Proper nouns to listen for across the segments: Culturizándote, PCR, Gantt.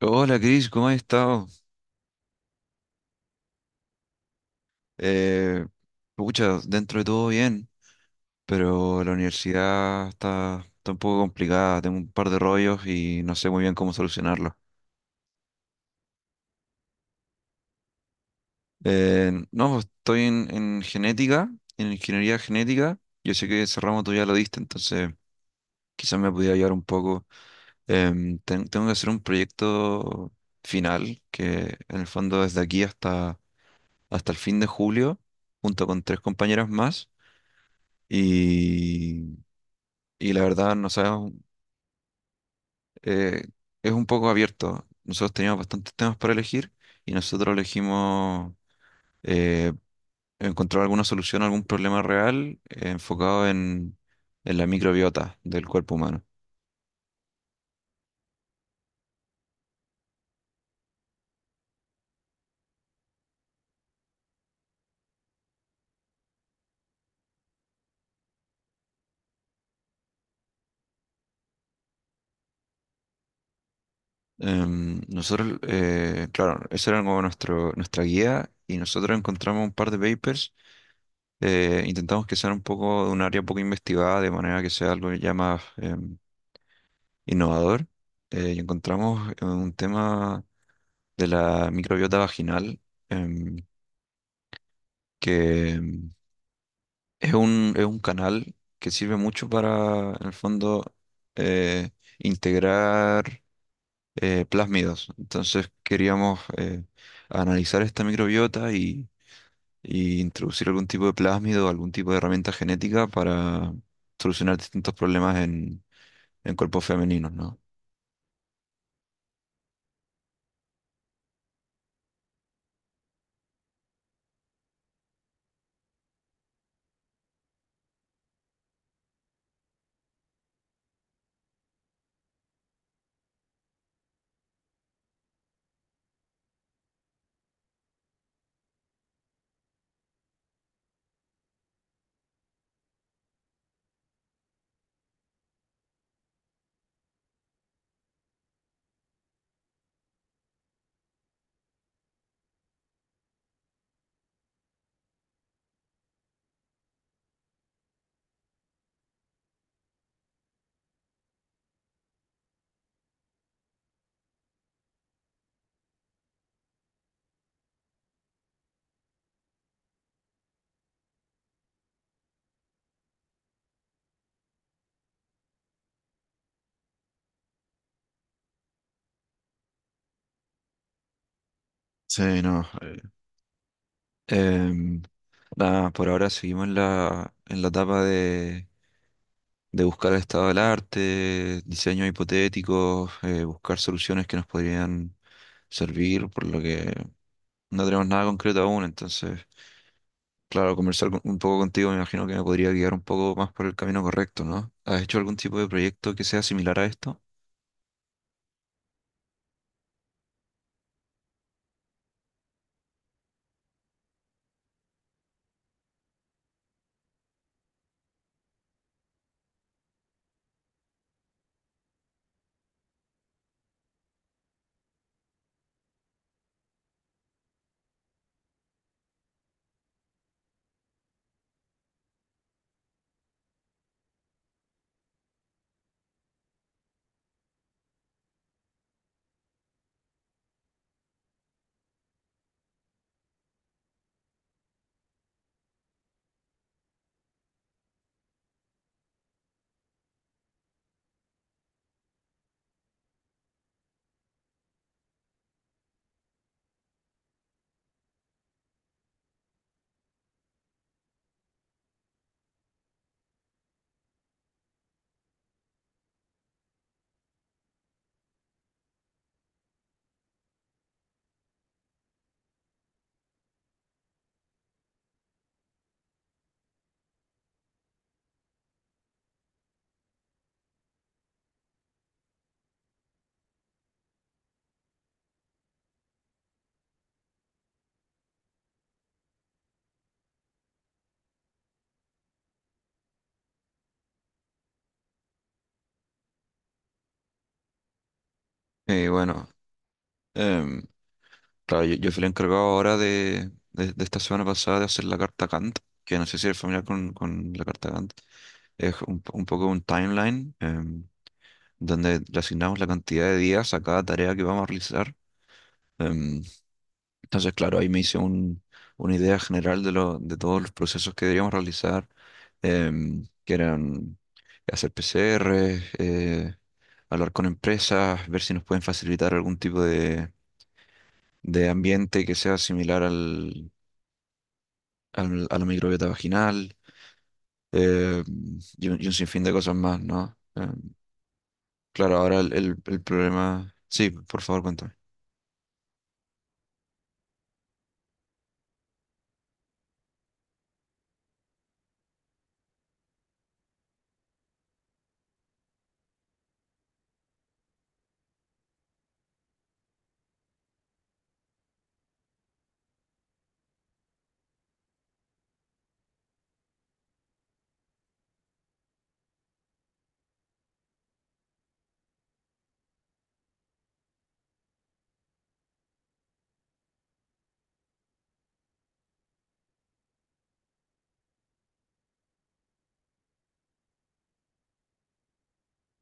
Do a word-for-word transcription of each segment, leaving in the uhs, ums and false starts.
Hola Cris, ¿cómo has estado? Eh, Pucha, dentro de todo bien, pero la universidad está, está un poco complicada, tengo un par de rollos y no sé muy bien cómo solucionarlos. Eh, no, pues, estoy en, en genética, en ingeniería genética, yo sé que ese ramo tú ya lo diste, entonces quizás me pudiera ayudar un poco. Em, ten- tengo que hacer un proyecto final, que en el fondo desde aquí hasta, hasta el fin de julio, junto con tres compañeras más. Y y la verdad no sabemos, eh, es un poco abierto. Nosotros teníamos bastantes temas para elegir y nosotros elegimos eh, encontrar alguna solución a algún problema real, eh, enfocado en, en la microbiota del cuerpo humano. Em, nosotros, eh, claro, esa era como nuestro, nuestra guía y nosotros encontramos un par de papers. Eh, intentamos que sean un poco de un área poco investigada, de manera que sea algo ya más em, innovador. Eh, y encontramos eh, un tema de la microbiota vaginal, em, que em, es un, es un canal que sirve mucho para, en el fondo, eh, integrar eh, plásmidos. Entonces queríamos eh, analizar esta microbiota y, y introducir algún tipo de plásmido, algún tipo de herramienta genética para solucionar distintos problemas en, en cuerpos femeninos, ¿no? Sí, no. eh, em, Nada, por ahora seguimos en la, en la etapa de de buscar el estado del arte, diseños hipotéticos, eh, buscar soluciones que nos podrían servir, por lo que no tenemos nada concreto aún, entonces, claro, conversar con- un poco contigo me imagino que me podría guiar un poco más por el camino correcto, ¿no? ¿Has hecho algún tipo de proyecto que sea similar a esto? Eh, bueno, em, claro, yo, yo fui el encargado ahora de, de, de esta semana pasada de hacer la carta Gantt, que no sé si eres familiar con, con la carta Gantt, es un, po- un poco un timeline. Donde le asignamos la cantidad de días a cada tarea que vamos a realizar. Em, Entonces, claro, ahí me hice un- una idea general de, lo- de todos los procesos que deberíamos realizar, em, que eran hacer P C R, eh, hablar con empresas, ver si nos pueden facilitar algún tipo de, de ambiente que sea similar al, al- a la microbiota vaginal, eh, y, un, y un sinfín de cosas más, ¿no? Em, claro, ahora el, el- el problema... Sí, por favor, cuéntame.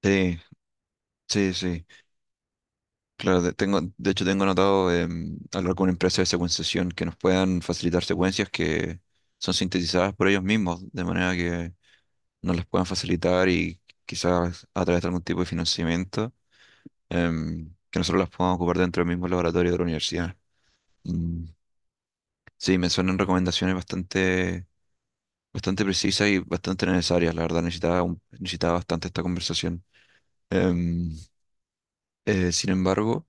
Sí, sí, sí. Claro, de- tengo, de hecho tengo anotado, em, hablar con una empresa de secuenciación que nos puedan facilitar secuencias que son sintetizadas por ellos mismos, de manera que nos las puedan facilitar y quizás a través de algún tipo de financiamiento, em, que nosotros las podamos ocupar dentro del mismo laboratorio de la universidad. Mm, sí, me suenan recomendaciones bastante, bastante precisas y bastante necesarias. La verdad, necesitaba, un- necesitaba bastante esta conversación. Em, eh, Sin embargo...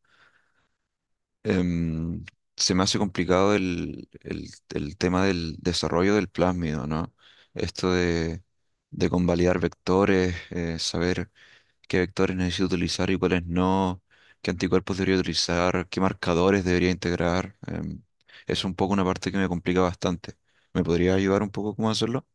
em, se me hace complicado el, el- el tema del desarrollo del plásmido, ¿no? Esto de, de convalidar vectores, eh, saber qué vectores necesito utilizar y cuáles no, qué anticuerpos debería utilizar, qué marcadores debería integrar. Em, es un poco una parte que me complica bastante. ¿Me podría ayudar un poco cómo hacerlo?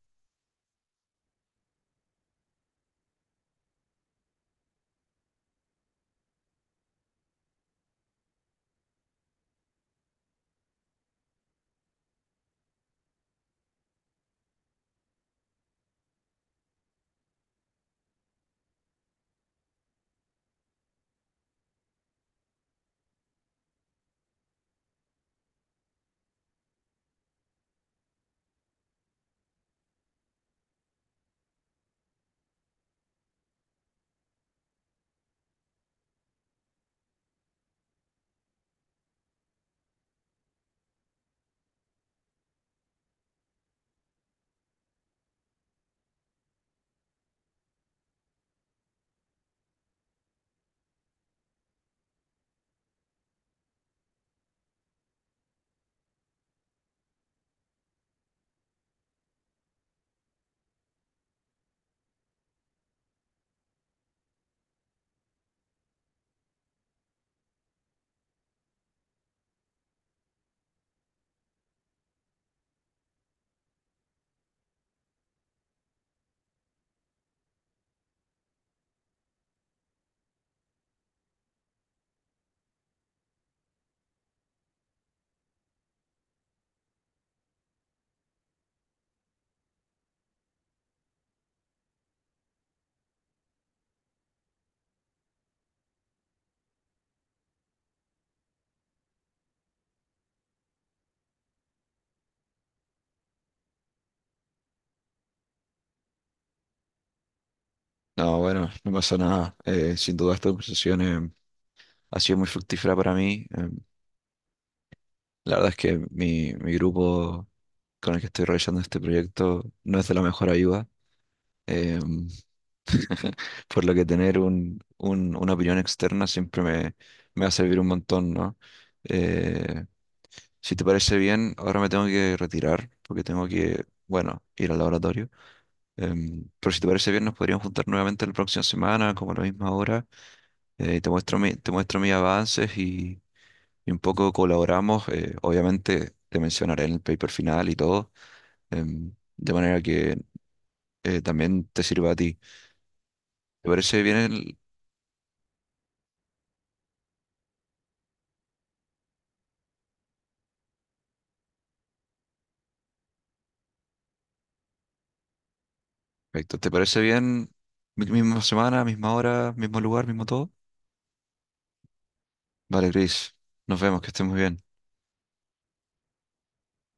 No, bueno, no pasa nada. Eh, sin duda esta conversación, em, ha sido muy fructífera para mí. em, La verdad es que mi, mi grupo con el que estoy realizando este proyecto no es de la mejor ayuda. em, por lo que tener un, un- una opinión externa siempre me, me va a servir un montón, ¿no? Eh, si te parece bien, ahora me tengo que retirar porque tengo que, bueno, ir al laboratorio. Em, pero si te parece bien, nos podríamos juntar nuevamente la próxima semana, como a la misma hora. Eh, y te muestro mi, te muestro mis avances y un poco colaboramos, eh, obviamente te mencionaré en el paper final y todo, em, de manera que eh, también te sirva a ti. ¿Te parece bien el... Perfecto, ¿te parece bien? Mi- Misma semana, misma hora, mismo lugar, mismo todo. Vale, Chris, nos vemos, que estés muy bien.